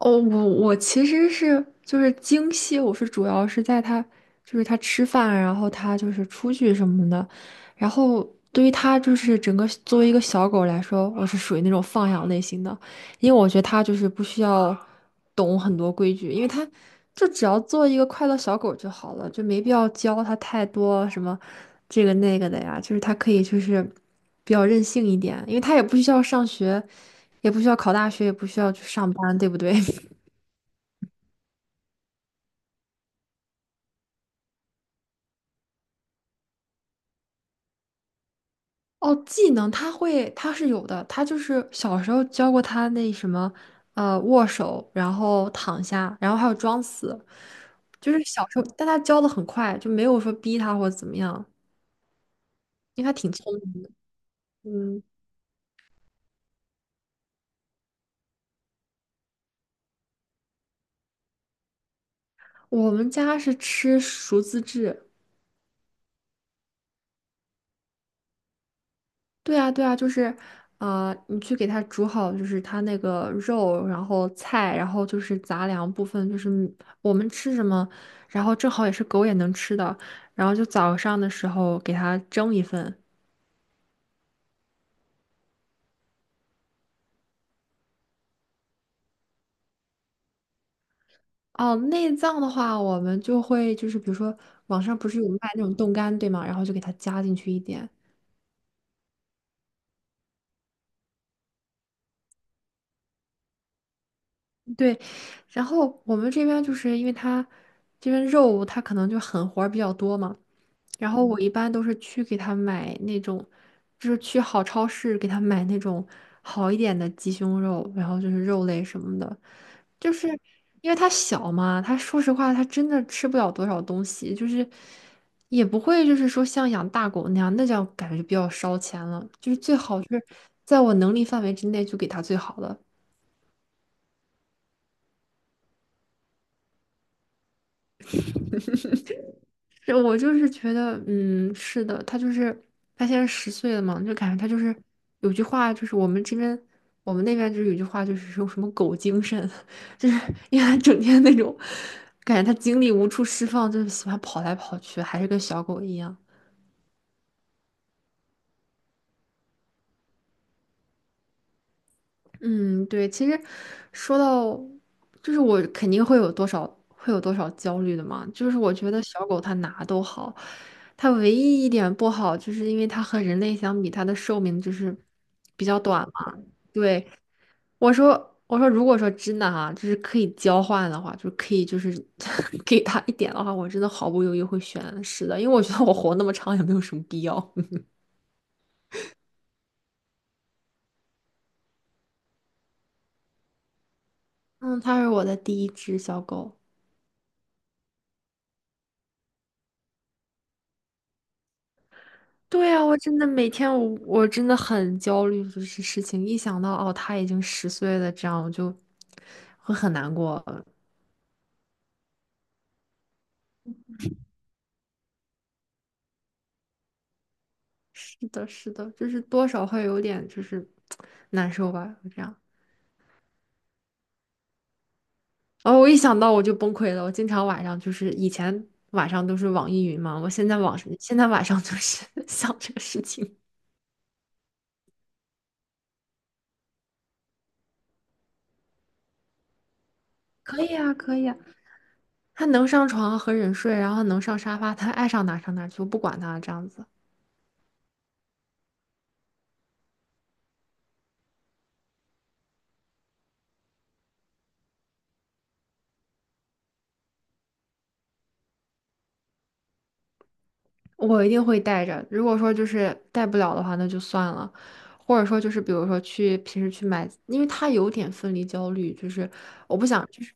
哦，我其实是就是精细，我是主要是在他就是他吃饭，然后他就是出去什么的，然后对于他就是整个作为一个小狗来说，我是属于那种放养类型的，因为我觉得它就是不需要懂很多规矩，因为它就只要做一个快乐小狗就好了，就没必要教它太多什么这个那个的呀，就是它可以就是比较任性一点，因为它也不需要上学，也不需要考大学，也不需要去上班，对不对？哦，技能他会，他是有的，他就是小时候教过他那什么，握手，然后躺下，然后还有装死，就是小时候，但他教的很快，就没有说逼他或者怎么样，因为他挺聪明的。嗯，我们家是吃熟自制，对啊，对啊，就是，你去给它煮好，就是它那个肉，然后菜，然后就是杂粮部分，就是我们吃什么，然后正好也是狗也能吃的，然后就早上的时候给它蒸一份。哦，内脏的话，我们就会就是比如说网上不是有卖那种冻干，对吗？然后就给它加进去一点。对，然后我们这边就是因为它这边肉它可能就狠活儿比较多嘛。然后我一般都是去给他买那种，就是去好超市给他买那种好一点的鸡胸肉，然后就是肉类什么的，就是因为它小嘛，它说实话它真的吃不了多少东西，就是也不会就是说像养大狗那样，那叫感觉就比较烧钱了，就是最好就是在我能力范围之内就给它最好的。是我就是觉得，嗯，是的，他就是他现在十岁了嘛，就感觉他就是有句话，就是我们这边我们那边就是有句话，就是说什么“狗精神”，就是因为他整天那种感觉，他精力无处释放，就是喜欢跑来跑去，还是跟小狗一样。嗯，对，其实说到，就是我肯定会有多少会有多少焦虑的嘛。就是我觉得小狗它哪都好，它唯一一点不好，就是因为它和人类相比，它的寿命就是比较短嘛。对，我说，如果说真的哈、就是可以交换的话，就是可以就是 给它一点的话，我真的毫不犹豫会选是的，因为我觉得我活那么长也没有什么必要。嗯，它是我的第一只小狗。对啊，我真的每天我真的很焦虑，就是事情一想到哦，他已经十岁了，这样我就会很难过。是的，是的，就是多少会有点就是难受吧，就这样。哦，我一想到我就崩溃了。我经常晚上就是以前晚上都是网易云嘛，我现在晚上就是 想这个事情。可以啊，可以啊，他能上床和人睡，然后能上沙发，他爱上哪上哪去，我不管他这样子。我一定会带着。如果说就是带不了的话，那就算了。或者说就是比如说去平时去买，因为他有点分离焦虑，就是我不想就是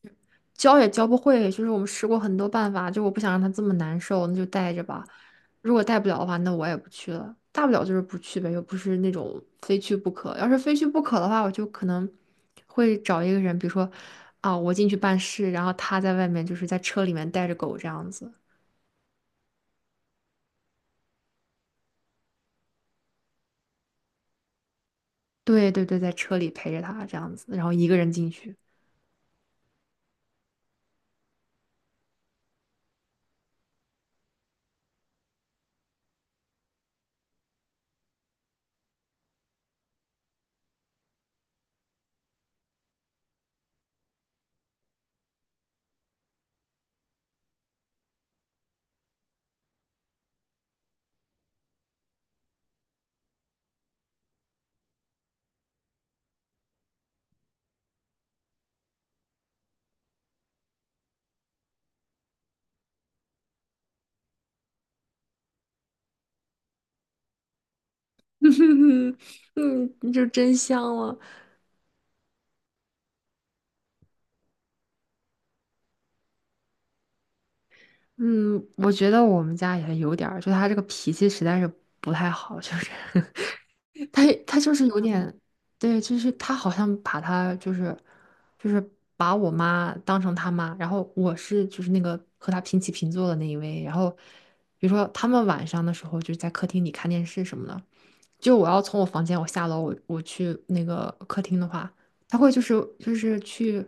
教也教不会，就是我们试过很多办法，就我不想让他这么难受，那就带着吧。如果带不了的话，那我也不去了。大不了就是不去呗，又不是那种非去不可。要是非去不可的话，我就可能会找一个人，比如说啊，我进去办事，然后他在外面就是在车里面带着狗这样子。对对对，在车里陪着他这样子，然后一个人进去。嗯，就真香了。嗯，我觉得我们家也有点儿，就他这个脾气实在是不太好，就是 他就是有点，对，就是他好像把他就是把我妈当成他妈，然后我是就是那个和他平起平坐的那一位，然后比如说他们晚上的时候就是在客厅里看电视什么的，就我要从我房间我下楼我去那个客厅的话，他会就是就是去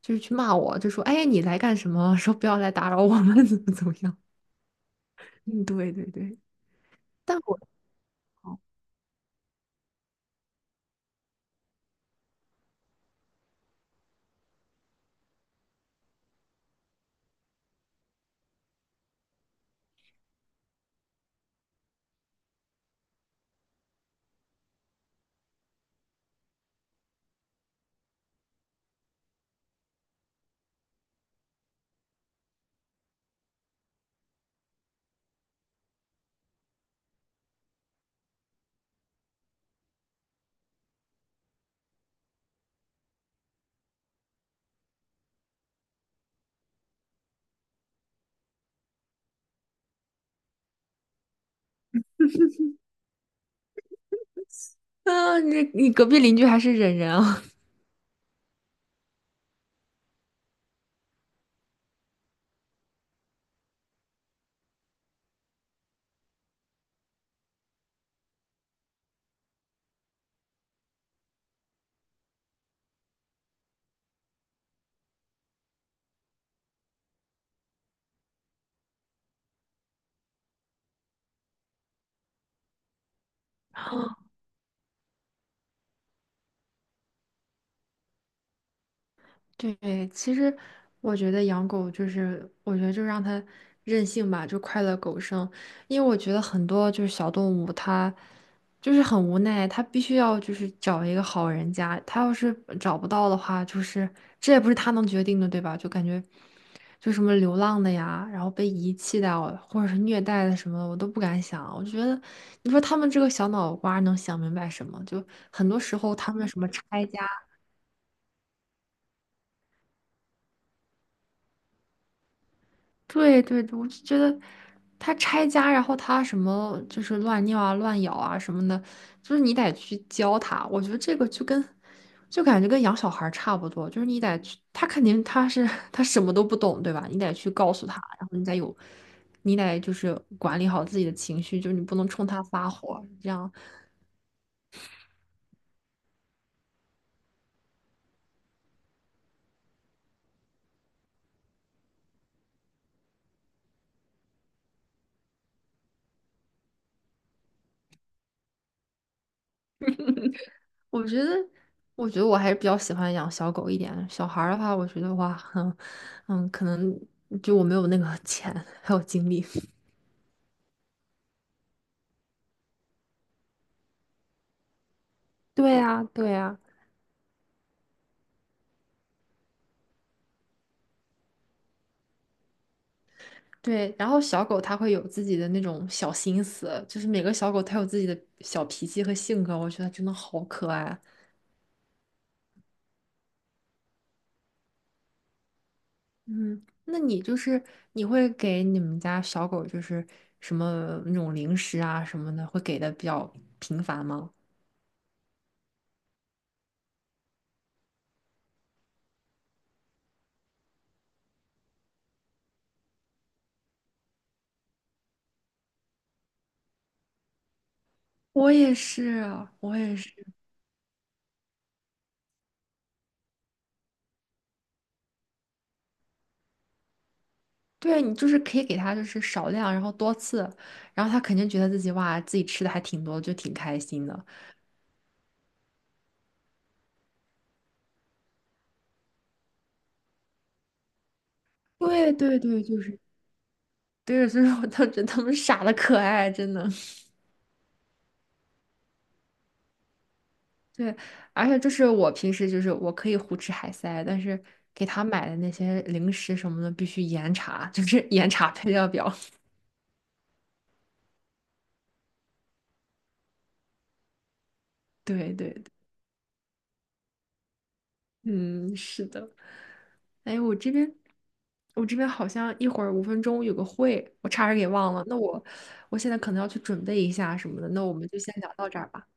就是去骂我，就说哎你来干什么？说不要来打扰我们，怎么怎么样？嗯，对对对，但我啊，你隔壁邻居还是忍人啊。对，其实我觉得养狗就是，我觉得就让它任性吧，就快乐狗生。因为我觉得很多就是小动物，它就是很无奈，它必须要就是找一个好人家。它要是找不到的话，就是这也不是它能决定的，对吧？就感觉就什么流浪的呀，然后被遗弃的啊或者是虐待的什么的，我都不敢想。我觉得你说他们这个小脑瓜儿能想明白什么？就很多时候他们什么拆家。对对对，我就觉得他拆家，然后他什么就是乱尿啊、乱咬啊什么的，就是你得去教他。我觉得这个就跟就感觉跟养小孩儿差不多，就是你得去，他肯定他是 他什么都不懂，对吧？你得去告诉他，然后你得有，你得就是管理好自己的情绪，就是你不能冲他发火。这样，我觉得，我觉得我还是比较喜欢养小狗一点。小孩儿的话，我觉得哇，嗯嗯，可能就我没有那个钱还有精力。对呀，对呀，对，然后小狗它会有自己的那种小心思，就是每个小狗它有自己的小脾气和性格，我觉得真的好可爱啊嗯，那你就是你会给你们家小狗就是什么那种零食啊什么的，会给的比较频繁吗？我也是，我也是。对，你就是可以给它就是少量，然后多次，然后它肯定觉得自己哇自己吃的还挺多，就挺开心的。对对对，就是对，所以说我都觉得他们傻的可爱，真的。对，而且就是我平时就是我可以胡吃海塞，但是给他买的那些零食什么的必须严查，就是 严查配料表。对对对，嗯，是的。哎，我这边好像一会儿5分钟有个会，我差点给忘了。那我现在可能要去准备一下什么的，那我们就先聊到这儿吧。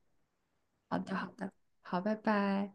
好的，好的，好，拜拜。